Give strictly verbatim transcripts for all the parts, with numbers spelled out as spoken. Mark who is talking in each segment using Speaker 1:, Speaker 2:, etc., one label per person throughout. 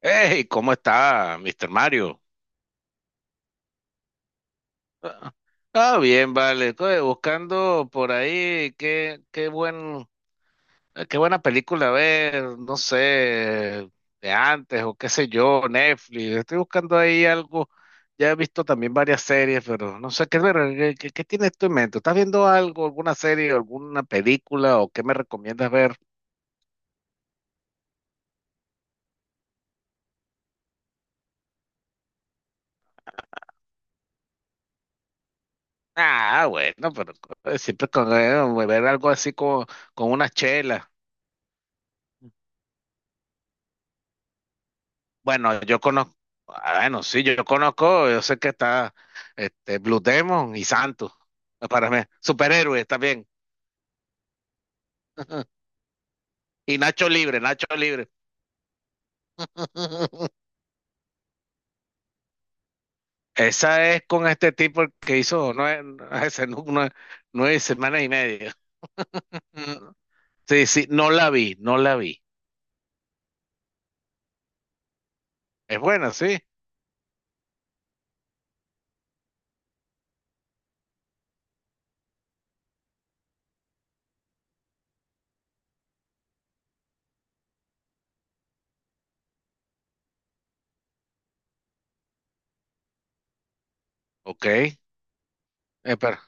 Speaker 1: Hey, ¿cómo está, Mister Mario? Ah, ah, Bien, vale. Oye, buscando por ahí qué, qué buen, eh, qué buena película ver, no sé, de antes o qué sé yo, Netflix. Estoy buscando ahí algo. Ya he visto también varias series, pero no sé qué ver. ¿Qué, qué- qué tienes tú en mente? ¿Estás viendo algo, alguna serie, alguna película o qué me recomiendas ver? Ah, bueno, pero eh, siempre con eh, ver algo así como con una chela. Bueno, yo conozco, ah, bueno, sí, yo, yo conozco, yo sé que está este, Blue Demon y Santos, para mí, superhéroes también. Y Nacho Libre, Nacho Libre. Esa es con este tipo el que hizo nueve, ese, nu- nueve, nueve semanas y media. Mm, sí, sí, no la vi, no la vi. Es buena, sí. Ok. eh, pero-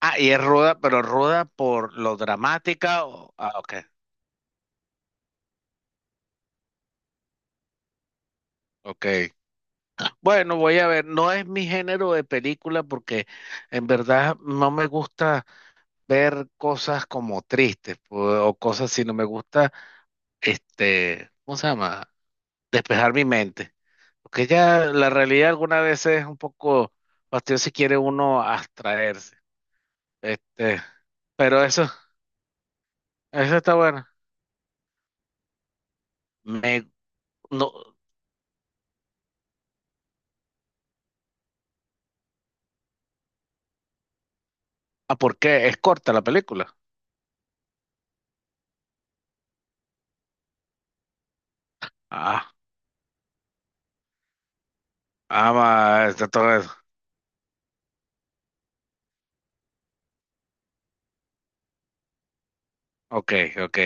Speaker 1: ah, y es ruda, pero ruda por lo dramática. o- ah, ok, ok. Bueno, voy a ver, no es mi género de película porque en verdad no me gusta ver cosas como tristes o, o cosas así, no me gusta, este, ¿cómo se llama? Despejar mi mente. Porque ya la realidad alguna vez es un poco fastidiosa si quiere uno abstraerse. Este, pero eso, eso está bueno. Me, no, ah, ¿por qué? Es corta la película. Ah, ah, ma, Está todo eso. Ok, ok.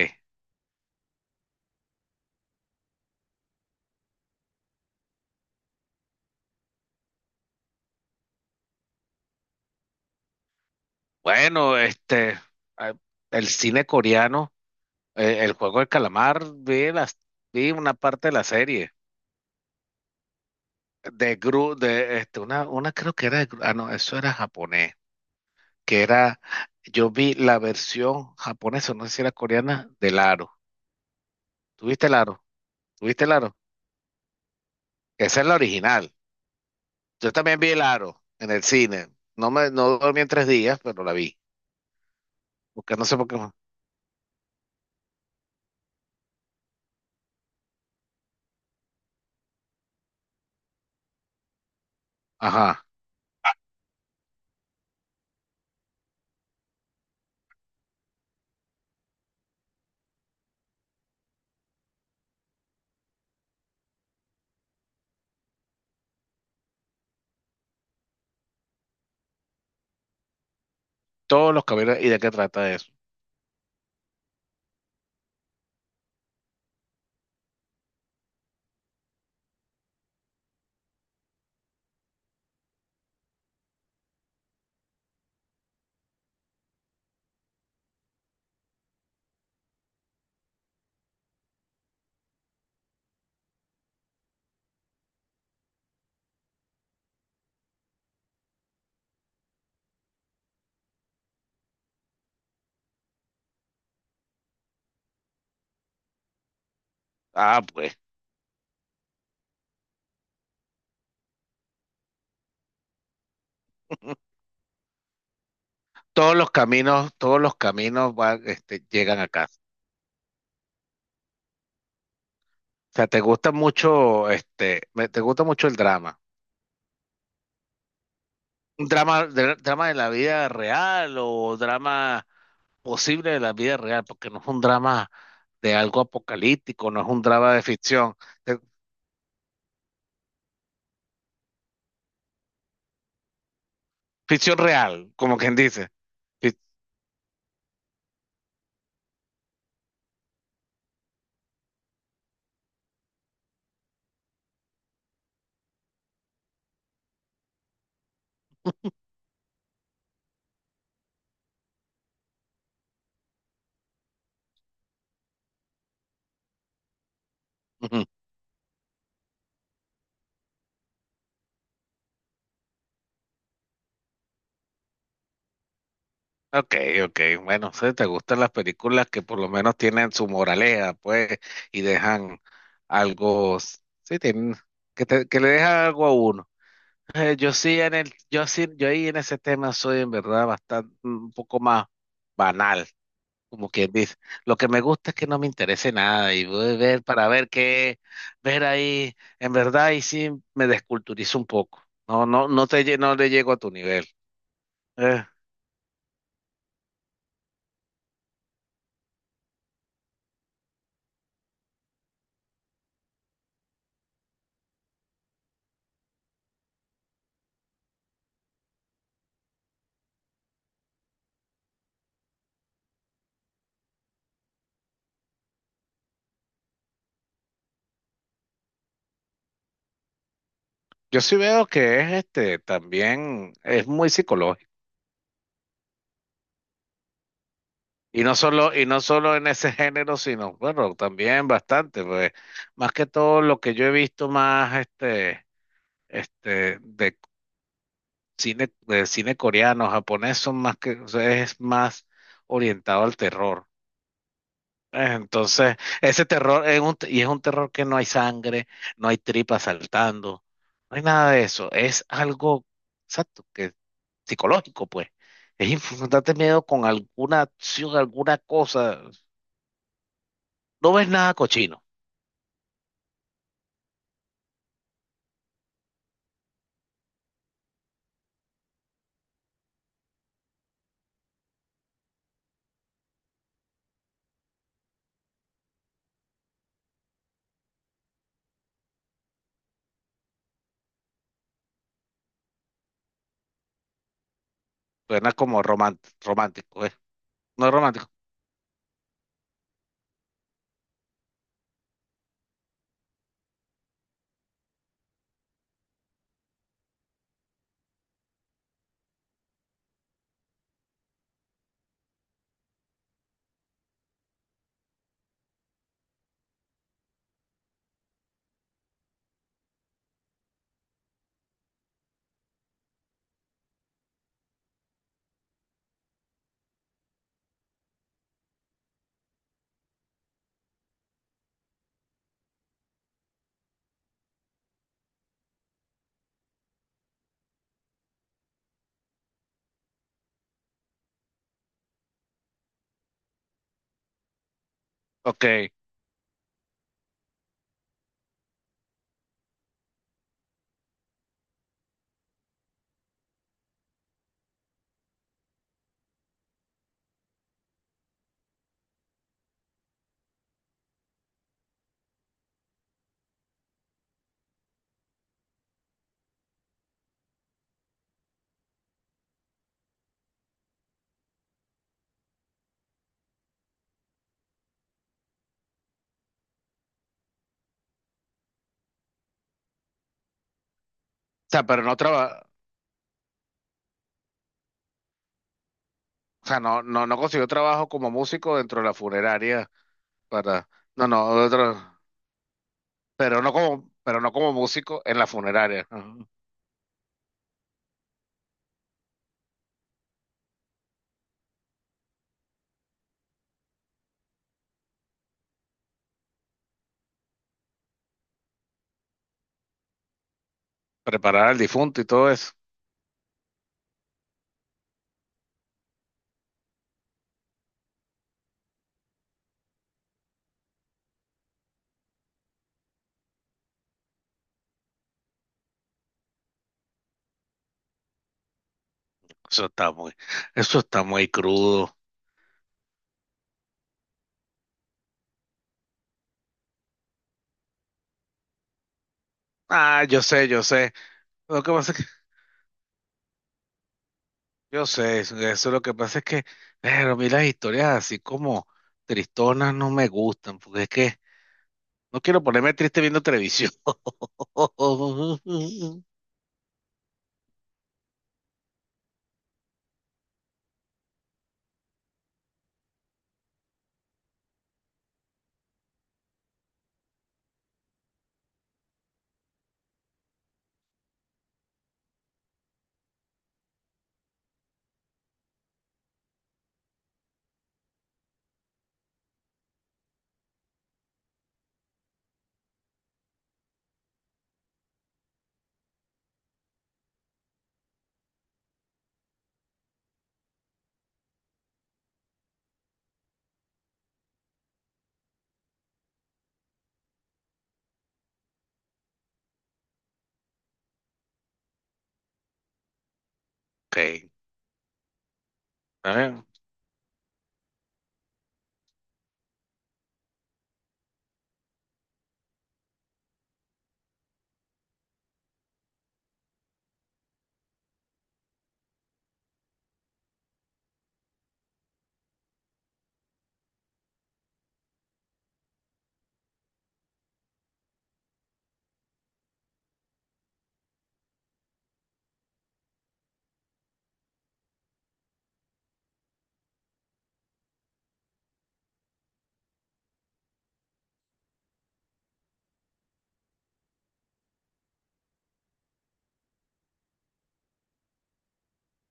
Speaker 1: Bueno, este, ah, el cine coreano, eh, el juego del calamar, vi las, vi una parte de la serie de Gru, de este, una, una creo que era de Gru- ah no, eso era japonés, que era, yo vi la versión japonesa, no sé si era coreana, del Aro. ¿Tuviste el Aro? ¿Tuviste el Aro? Esa es la original. Yo también vi el Aro en el cine. No me, no dormí en tres días, pero la vi, porque no sé por qué. Ajá, todos los caballeros, ¿y de qué trata eso? Ah, pues. todos los caminos, todos los caminos van, este, llegan a casa. O sea, te gusta mucho, este, me- te gusta mucho el drama. Un drama, de, drama de la vida real o drama posible de la vida real, porque no es un drama de algo apocalíptico, no es un drama de ficción, de ficción real, como quien dice. Fi- Ujú. Ok, ok, bueno, sí, te gustan las películas que por lo menos tienen su moraleja, pues, y dejan algo, sí, tienen- que, te- que le deja algo a uno. Eh, Yo sí en el, yo sí, yo ahí en ese tema soy en verdad bastante un poco más banal, como quien dice. Lo que me gusta es que no me interese nada y voy a ver para ver qué, ver ahí, en verdad y sí me desculturizo un poco. No, no, no te lle- no le llego a tu nivel. Eh, yo sí veo que es este también es muy psicológico. Y no solo, y no solo en ese género, sino, bueno, también bastante, pues, más que todo lo que yo he visto más este este, de cine, el cine coreano, japonés son más que, o sea, es más orientado al terror. Eh, Entonces, ese terror es un, y es un terror que no hay sangre, no hay tripas saltando, no hay nada de eso. Es algo, exacto, que psicológico, pues. Es infundarte miedo con alguna acción, alguna cosa. No ves nada cochino. Suena como román- romántico, ¿eh? No es romántico. Ok. O sea, pero no traba, o sea, no, no, no consiguió trabajo como músico dentro de la funeraria para, no, no, otro, pero no como, pero no como músico en la funeraria. Ajá. Preparar al difunto y todo eso. Eso está muy, eso está muy crudo. Ah, yo sé, yo sé. Lo que pasa es que, yo sé, eso es lo que pasa es que, pero a mí las historias así como tristonas no me gustan, porque es que no quiero ponerme triste viendo televisión. Ok, a ver,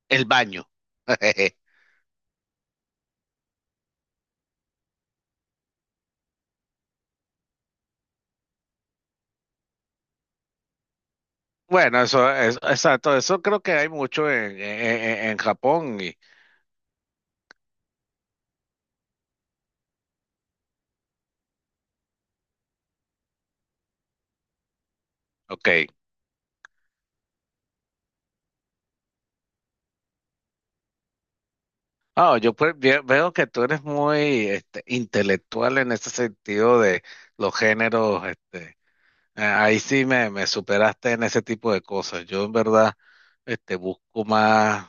Speaker 1: El baño. Bueno, eso es exacto. Eso creo que hay mucho en, en, en- en Japón. Ok. Ah, yo pues ve- veo que tú eres muy este, intelectual en ese sentido de los géneros. Este, ah, ahí sí me, me superaste en ese tipo de cosas. Yo en verdad este, busco más,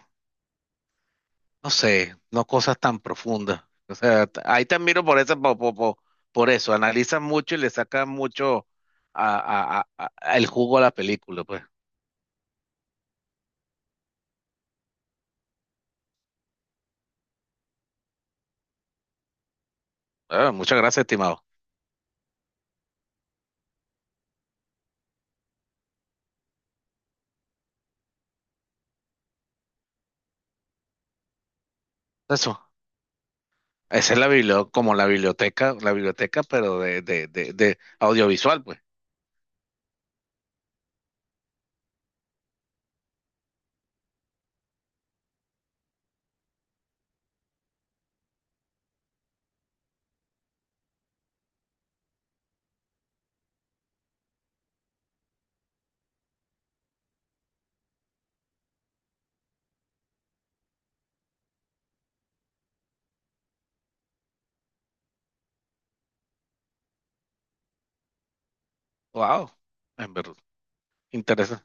Speaker 1: no sé, no cosas tan profundas. O sea, t- ahí te admiro por eso, po- po- po- por, eso. Analizas mucho y le sacas mucho a, a- a- a- el jugo a la película, pues. Ah, muchas gracias, estimado. Eso. Esa es la biblioteca, como la biblioteca, la biblioteca, pero de, de, de, de audiovisual, pues. Wow, en verdad, interesante.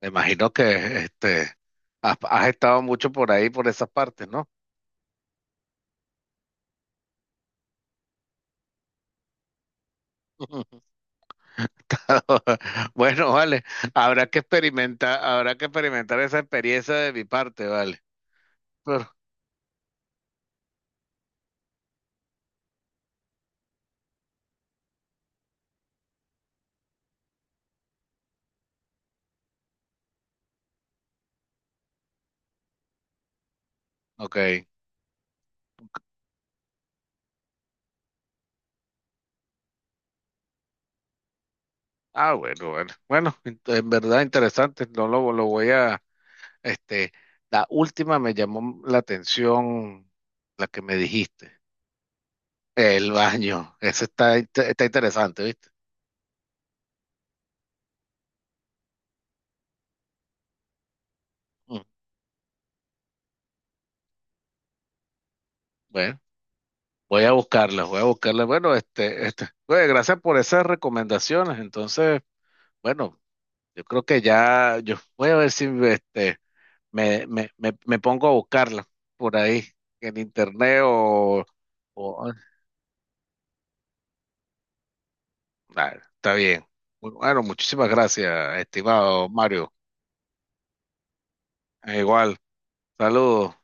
Speaker 1: Me imagino que este has, has estado mucho por ahí, por esas partes, ¿no? Bueno, vale, habrá que experimentar, habrá que experimentar esa experiencia de mi parte, vale. Pero, ok. Ah, bueno, bueno. Bueno, en en verdad interesante. No lo, lo voy a, este, la última me llamó la atención, la que me dijiste. El baño, eso está, inte- está interesante, ¿viste? Mm, bueno, voy a buscarla, voy a buscarla. Bueno, este, este, oye, gracias por esas recomendaciones. Entonces, bueno, yo creo que ya, yo voy a ver si este, me, me, me, me pongo a buscarla por ahí, en internet o, o- ah, está bien. Bueno, muchísimas gracias, estimado Mario. Eh, Igual, saludos.